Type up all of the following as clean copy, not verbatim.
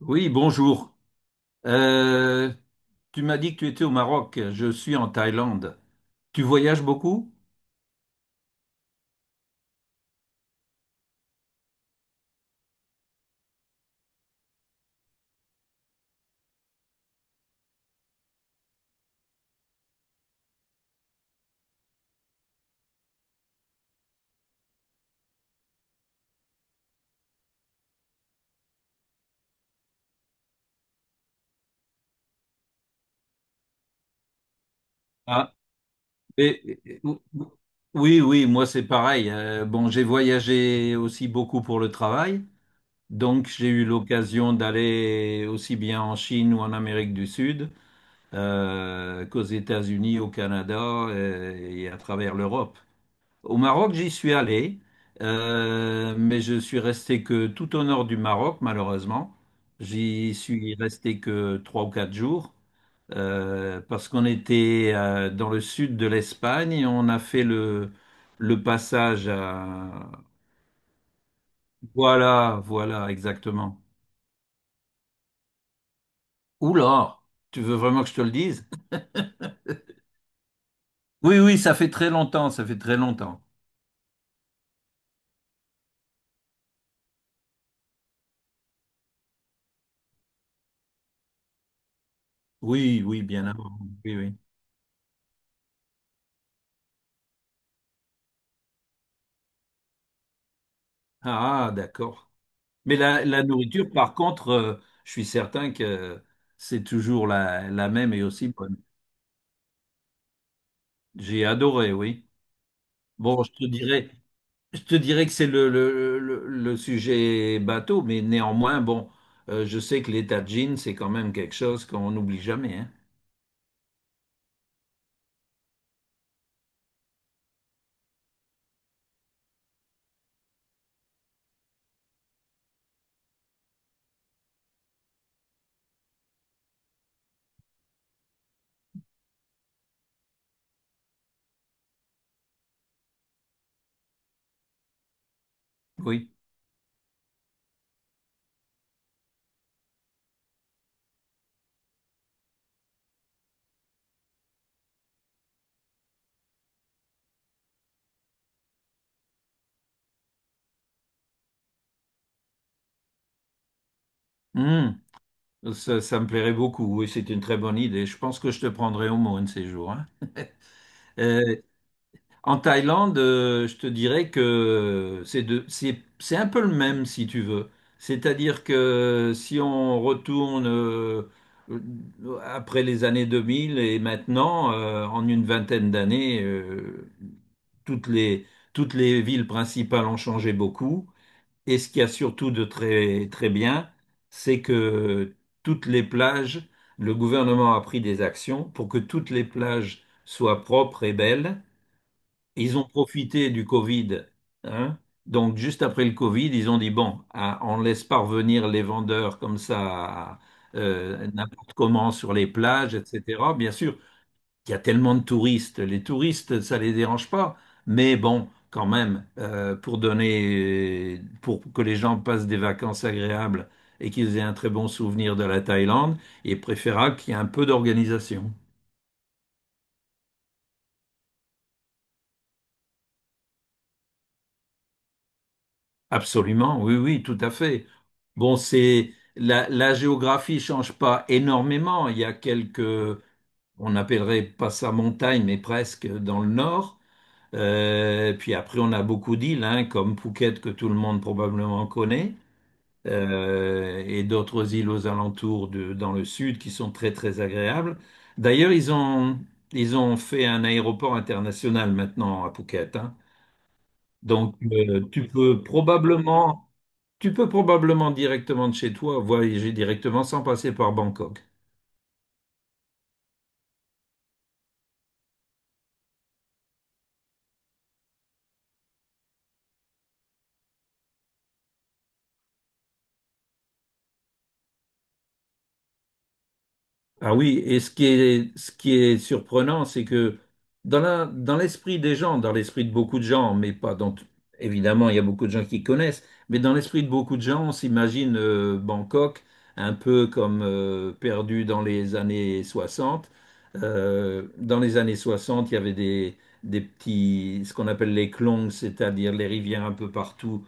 Oui, bonjour. Euh, tu m'as dit que tu étais au Maroc. Je suis en Thaïlande. Tu voyages beaucoup? Ah, et, et- oui, oui, moi c'est pareil. Bon, j'ai voyagé aussi beaucoup pour le travail. Donc j'ai eu l'occasion d'aller aussi bien en Chine ou en Amérique du Sud qu'aux États-Unis, au Canada et à travers l'Europe. Au Maroc, j'y suis allé, mais je suis resté que tout au nord du Maroc, malheureusement. J'y suis resté que 3 ou 4 jours parce qu'on était dans le sud de l'Espagne et on a fait le passage à. Voilà, voilà, exactement. Oula, tu veux vraiment que je te le dise? Oui, oui, ça fait très longtemps, ça fait très longtemps. Oui, oui, bien avant. Oui, oui. Ah, d'accord. Mais la nourriture, par contre, je suis certain que c'est toujours la même et aussi bonne. J'ai adoré, oui. Bon, je te dirais que c'est le sujet bateau, mais néanmoins, bon, je sais que les tagines, c'est quand même quelque chose qu'on n'oublie jamais, hein. Oui. Hum, Ça ça me plairait beaucoup. Oui, c'est une très bonne idée. Je pense que je te prendrai au mot un de ces jours, hein. Euh, En Thaïlande, je te dirais que c'est un peu le même si tu veux. C'est-à-dire que si on retourne après les années 2000 et maintenant, en une vingtaine d'années, toutes les, toutes les villes principales ont changé beaucoup. Et ce qu'il y a surtout de très, très bien, c'est que toutes les plages, le gouvernement a pris des actions pour que toutes les plages soient propres et belles. Ils ont profité du Covid, hein. Donc, juste après le Covid, ils ont dit, bon, hein, on ne laisse pas revenir les vendeurs comme ça, n'importe comment sur les plages, etc. Bien sûr, il y a tellement de touristes. Les touristes, ça les dérange pas. Mais bon, quand même, pour donner, pour que les gens passent des vacances agréables et qu'ils aient un très bon souvenir de la Thaïlande, il est préférable qu'il y ait un peu d'organisation. Absolument, oui, oui, tout à fait. Bon, c'est la géographie change pas énormément. Il y a quelques, on n'appellerait pas ça montagne, mais presque dans le nord. Puis après, on a beaucoup d'îles, hein, comme Phuket que tout le monde probablement connaît, et d'autres îles aux alentours dans le sud qui sont très très agréables. D'ailleurs, ils ont fait un aéroport international maintenant à Phuket, hein. Donc, tu peux probablement directement de chez toi voyager directement sans passer par Bangkok. Ah oui, et ce qui est surprenant, c'est que dans l'esprit des gens, dans l'esprit de beaucoup de gens, mais pas dans, évidemment, il y a beaucoup de gens qui connaissent, mais dans l'esprit de beaucoup de gens, on s'imagine Bangkok un peu comme perdu dans les années 60. Dans les années 60, il y avait des petits, ce qu'on appelle les klongs, c'est-à-dire les rivières un peu partout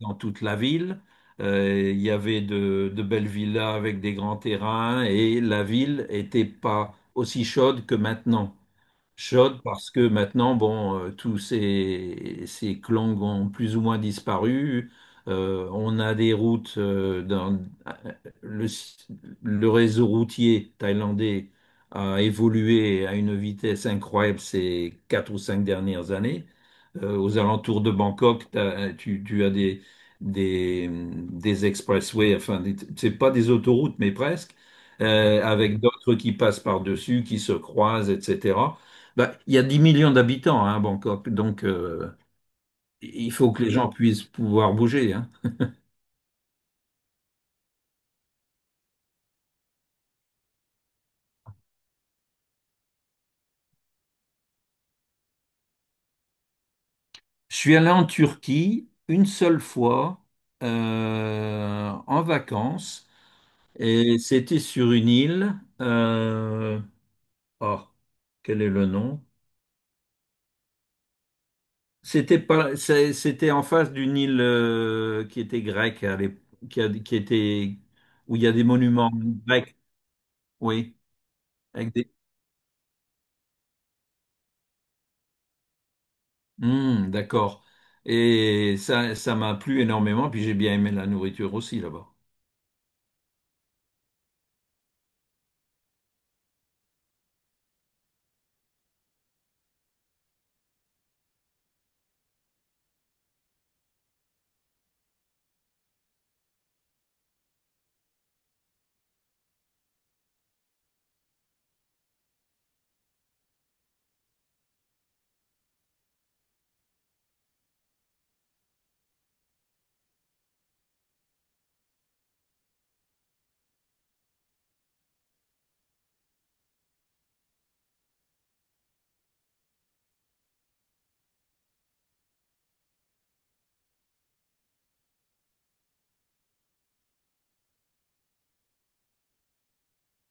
dans toute la ville. Il y avait de belles villas avec des grands terrains et la ville n'était pas aussi chaude que maintenant chaude parce que maintenant, bon, tous ces clans ont plus ou moins disparu. On a des routes dans euh, le, le réseau routier thaïlandais a évolué à une vitesse incroyable ces 4 ou 5 dernières années. Aux alentours de Bangkok, tu as des expressways, enfin, c'est pas des autoroutes, mais presque, avec d'autres qui passent par-dessus, qui se croisent, etc. Bah, il y a 10 millions d'habitants hein, à Bangkok, donc il faut que les gens puissent pouvoir bouger, hein. Je suis allé en Turquie une seule fois en vacances et c'était sur une île. euh, oh, quel est le nom? C'était pas, c'est- C'était en face d'une île qui était grecque, qui était où il y a des monuments grecs, oui, avec des- hmm, d'accord. Et ça m'a plu énormément, puis j'ai bien aimé la nourriture aussi là-bas.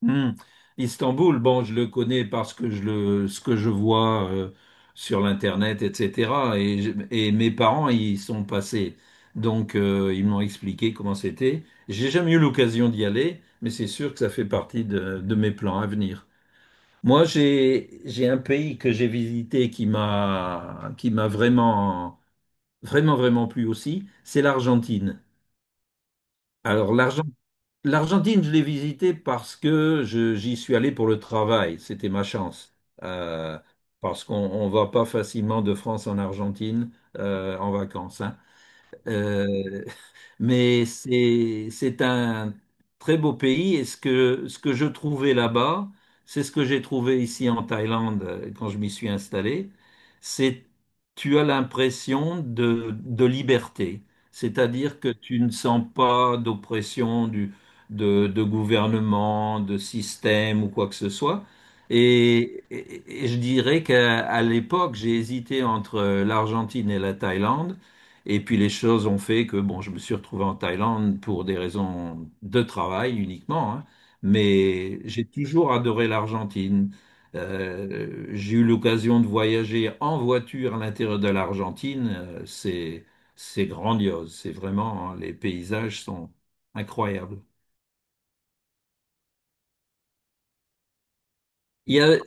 Hmm. Istanbul, bon, je le connais parce que ce que je vois sur l'internet, etc. Et mes parents y sont passés, donc ils m'ont expliqué comment c'était. J'ai jamais eu l'occasion d'y aller, mais c'est sûr que ça fait partie de mes plans à venir. Moi, j'ai un pays que j'ai visité qui m'a vraiment vraiment, vraiment plu aussi, c'est l'Argentine. Alors, l'Argentine, je l'ai visitée parce que j'y suis allé pour le travail. C'était ma chance. Euh, parce qu'on ne va pas facilement de France en Argentine en vacances, hein. Euh, mais c'est un très beau pays et ce que je trouvais là-bas, c'est ce que j'ai trouvé ici en Thaïlande quand je m'y suis installé, c'est tu as l'impression de liberté, c'est-à-dire que tu ne sens pas d'oppression de gouvernement, de système ou quoi que ce soit. Et je dirais qu'à à l'époque, j'ai hésité entre l'Argentine et la Thaïlande. Et puis les choses ont fait que bon, je me suis retrouvé en Thaïlande pour des raisons de travail uniquement, hein. Mais j'ai toujours adoré l'Argentine. J'ai eu l'occasion de voyager en voiture à l'intérieur de l'Argentine. C'est grandiose. C'est vraiment, hein, les paysages sont incroyables. Il y a,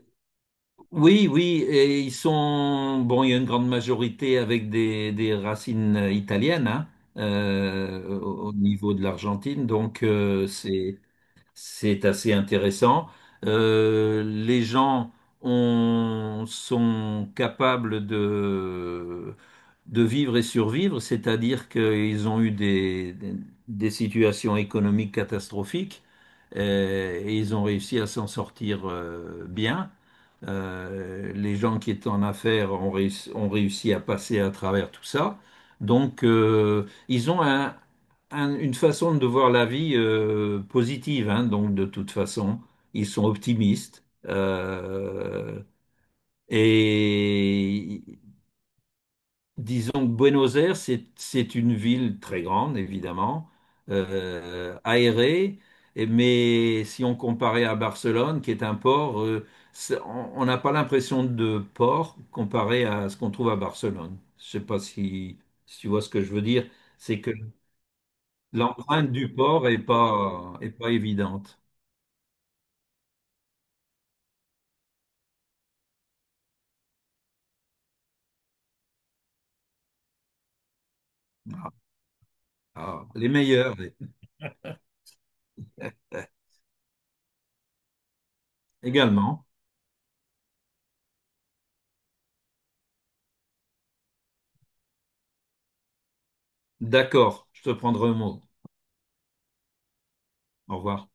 Oui, oui, et ils sont, bon, il y a une grande majorité avec des racines italiennes, hein, au niveau de l'Argentine, donc c'est, assez intéressant. Les gens sont capables de vivre et survivre, c'est-à-dire qu'ils ont eu des situations économiques catastrophiques et ils ont réussi à s'en sortir bien. Les gens qui étaient en affaires ont réussi à passer à travers tout ça. Donc, ils ont une façon de voir la vie positive, hein, donc de toute façon, ils sont optimistes. Et disons que Buenos Aires, c'est une ville très grande, évidemment, aérée, mais si on comparait à Barcelone, qui est un port, on n'a pas l'impression de port comparé à ce qu'on trouve à Barcelone. Je ne sais pas si tu vois ce que je veux dire. C'est que l'empreinte du porc est pas évidente. Ah, les meilleurs également. D'accord, je te prendrai un mot. Au revoir.